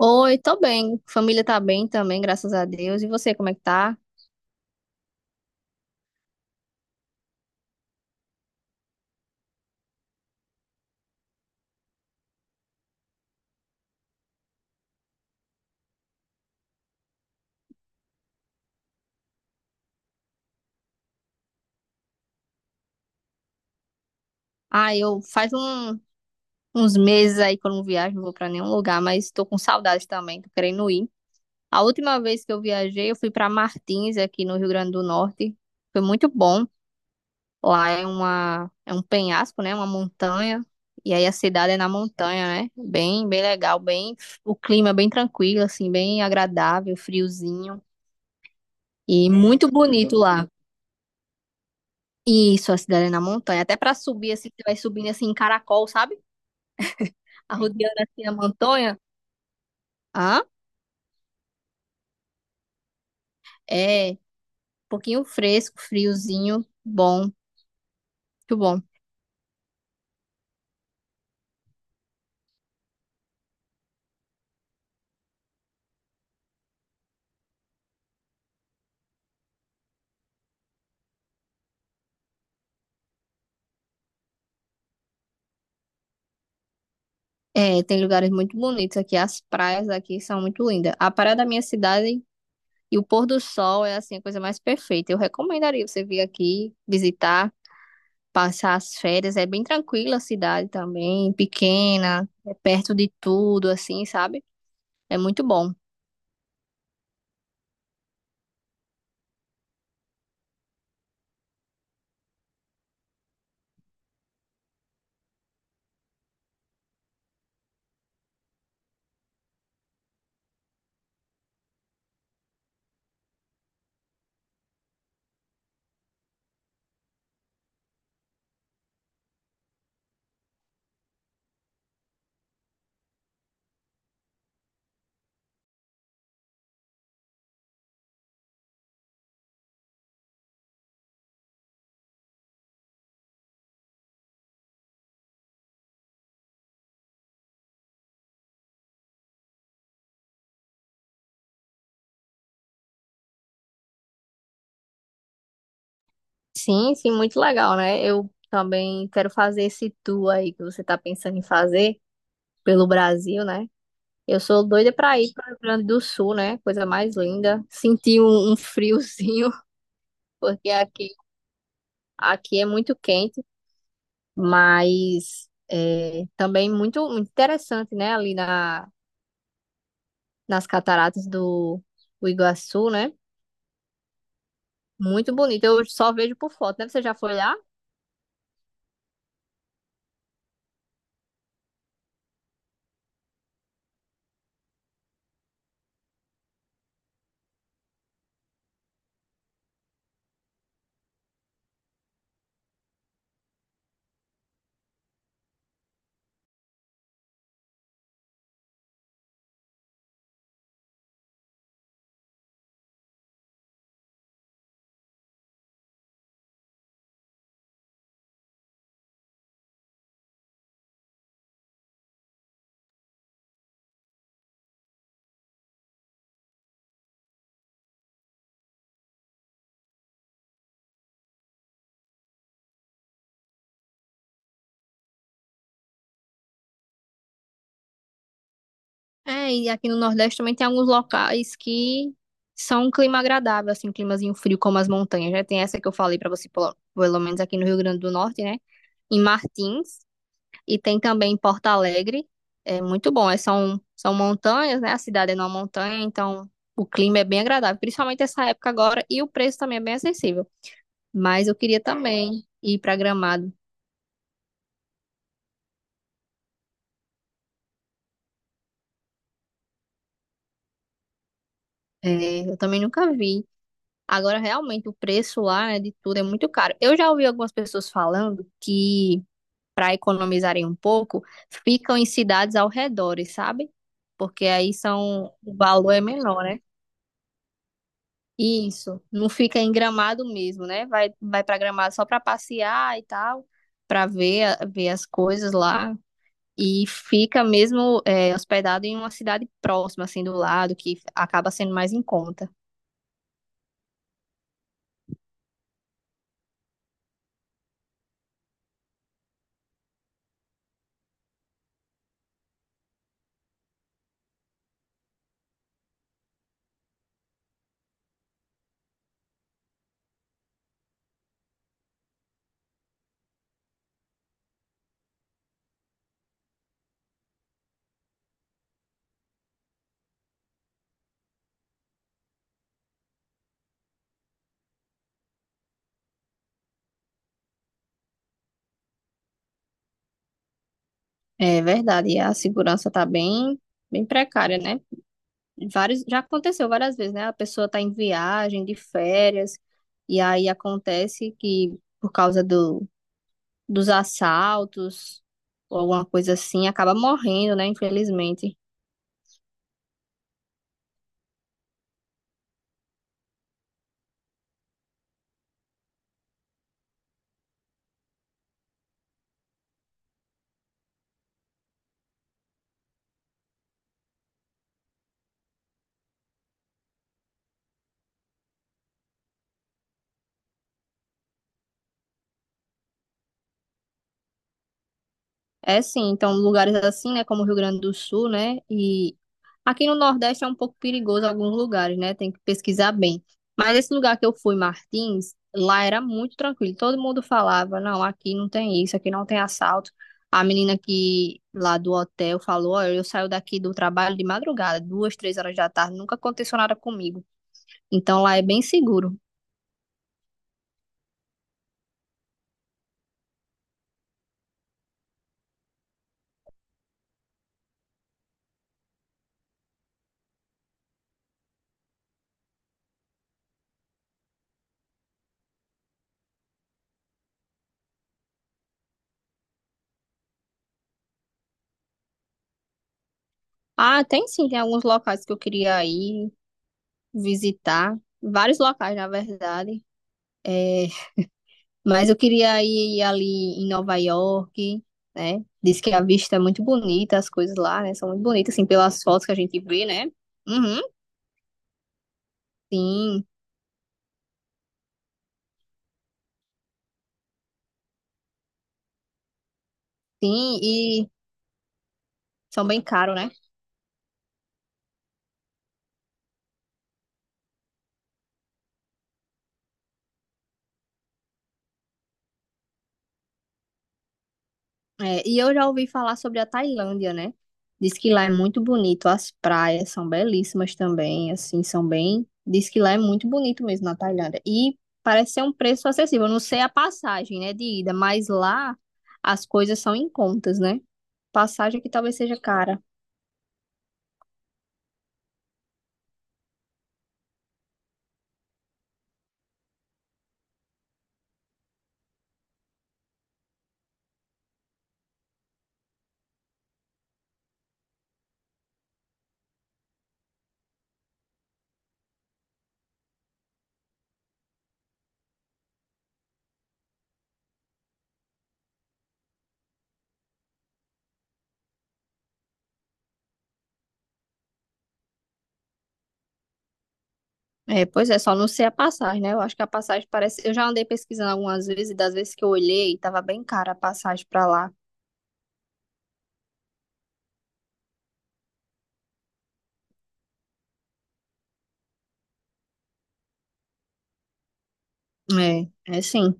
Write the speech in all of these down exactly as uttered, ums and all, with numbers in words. Oi, tô bem. Família tá bem também, graças a Deus. E você, como é que tá? Ah, eu faz um- uns meses aí que eu não viajo, não vou pra nenhum lugar, mas tô com saudade também, tô querendo ir. A última vez que eu viajei, eu fui pra Martins, aqui no Rio Grande do Norte. Foi muito bom. Lá é uma, é um penhasco, né? Uma montanha. E aí a cidade é na montanha, né? Bem, bem legal, bem, o clima é bem tranquilo, assim, bem agradável, friozinho. E muito bonito lá. Isso, a cidade é na montanha. Até pra subir, assim, você vai subindo assim em caracol, sabe? Arrodeando assim a montanha. Ah, é. Um pouquinho fresco, friozinho, bom, muito bom. É, tem lugares muito bonitos aqui. As praias aqui são muito lindas. A praia da minha cidade e o pôr do sol é assim a coisa mais perfeita. Eu recomendaria você vir aqui visitar, passar as férias. É bem tranquila a cidade também, pequena, é perto de tudo, assim, sabe? É muito bom. Sim, sim, muito legal, né? Eu também quero fazer esse tour aí que você tá pensando em fazer pelo Brasil, né? Eu sou doida pra ir para o Rio Grande do Sul, né? Coisa mais linda. Senti um, um, friozinho, porque aqui, aqui é muito quente, mas é, também muito, muito interessante, né? Ali na, nas cataratas do, do Iguaçu, né? Muito bonito. Eu só vejo por foto, né? Você já foi lá? É, e aqui no Nordeste também tem alguns locais que são um clima agradável, assim, um climazinho frio, como as montanhas, né? Tem essa que eu falei pra você, pelo pelo menos aqui no Rio Grande do Norte, né? Em Martins, e tem também em Porto Alegre, é muito bom, é, são, são montanhas, né? A cidade é numa montanha, então o clima é bem agradável, principalmente essa época agora, e o preço também é bem acessível. Mas eu queria também ir pra Gramado, é, eu também nunca vi. Agora, realmente, o preço lá, né, de tudo é muito caro. Eu já ouvi algumas pessoas falando que, para economizarem um pouco, ficam em cidades ao redor, sabe? Porque aí são, o valor é menor, né? Isso, não fica em Gramado mesmo, né? Vai, vai para Gramado só para passear e tal, para ver, a- ver as coisas lá. E fica mesmo é, hospedado em uma cidade próxima, assim, do lado, que acaba sendo mais em conta. É verdade, e a segurança tá bem, bem precária, né? Vários, já aconteceu várias vezes, né? A pessoa tá em viagem, de férias, e aí acontece que por causa do, dos assaltos ou alguma coisa assim, acaba morrendo, né? Infelizmente. É sim, então lugares assim, né, como o Rio Grande do Sul, né, e aqui no Nordeste é um pouco perigoso alguns lugares, né? Tem que pesquisar bem. Mas esse lugar que eu fui, Martins, lá era muito tranquilo. Todo mundo falava, não, aqui não tem isso, aqui não tem assalto. A menina que lá do hotel falou, olha, eu saio daqui do trabalho de madrugada, duas, três horas da tarde, nunca aconteceu nada comigo. Então lá é bem seguro. Ah, tem sim, tem alguns locais que eu queria ir visitar, vários locais, na verdade. É, mas eu queria ir ali em Nova York, né? Diz que a vista é muito bonita, as coisas lá, né? São muito bonitas, assim, pelas fotos que a gente vê, né? Uhum, sim, sim, e são bem caros, né? É, e eu já ouvi falar sobre a Tailândia, né? Diz que lá é muito bonito, as praias são belíssimas também, assim, são bem. Diz que lá é muito bonito mesmo na Tailândia. E parece ser um preço acessível. Eu não sei a passagem, né, de ida, mas lá as coisas são em contas, né? Passagem que talvez seja cara. É, pois é, só não sei a passagem, né? Eu acho que a passagem parece. Eu já andei pesquisando algumas vezes, e das vezes que eu olhei, tava bem cara a passagem pra lá. É, é sim.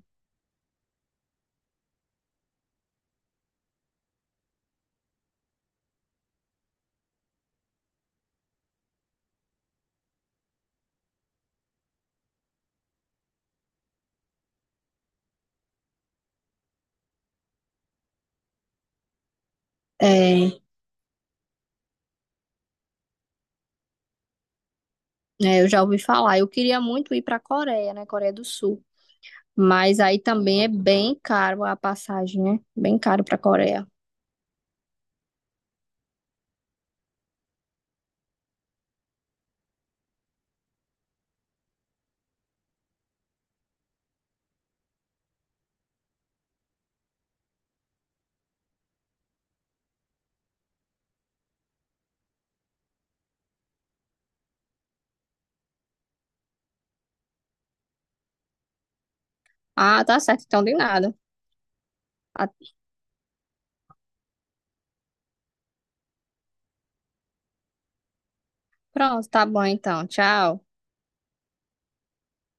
É, é, eu já ouvi falar. Eu queria muito ir pra Coreia, né? Coreia do Sul. Mas aí também é bem caro a passagem, né? Bem caro pra Coreia. Ah, tá certo, então de nada. Ah, pronto, tá bom então. Tchau.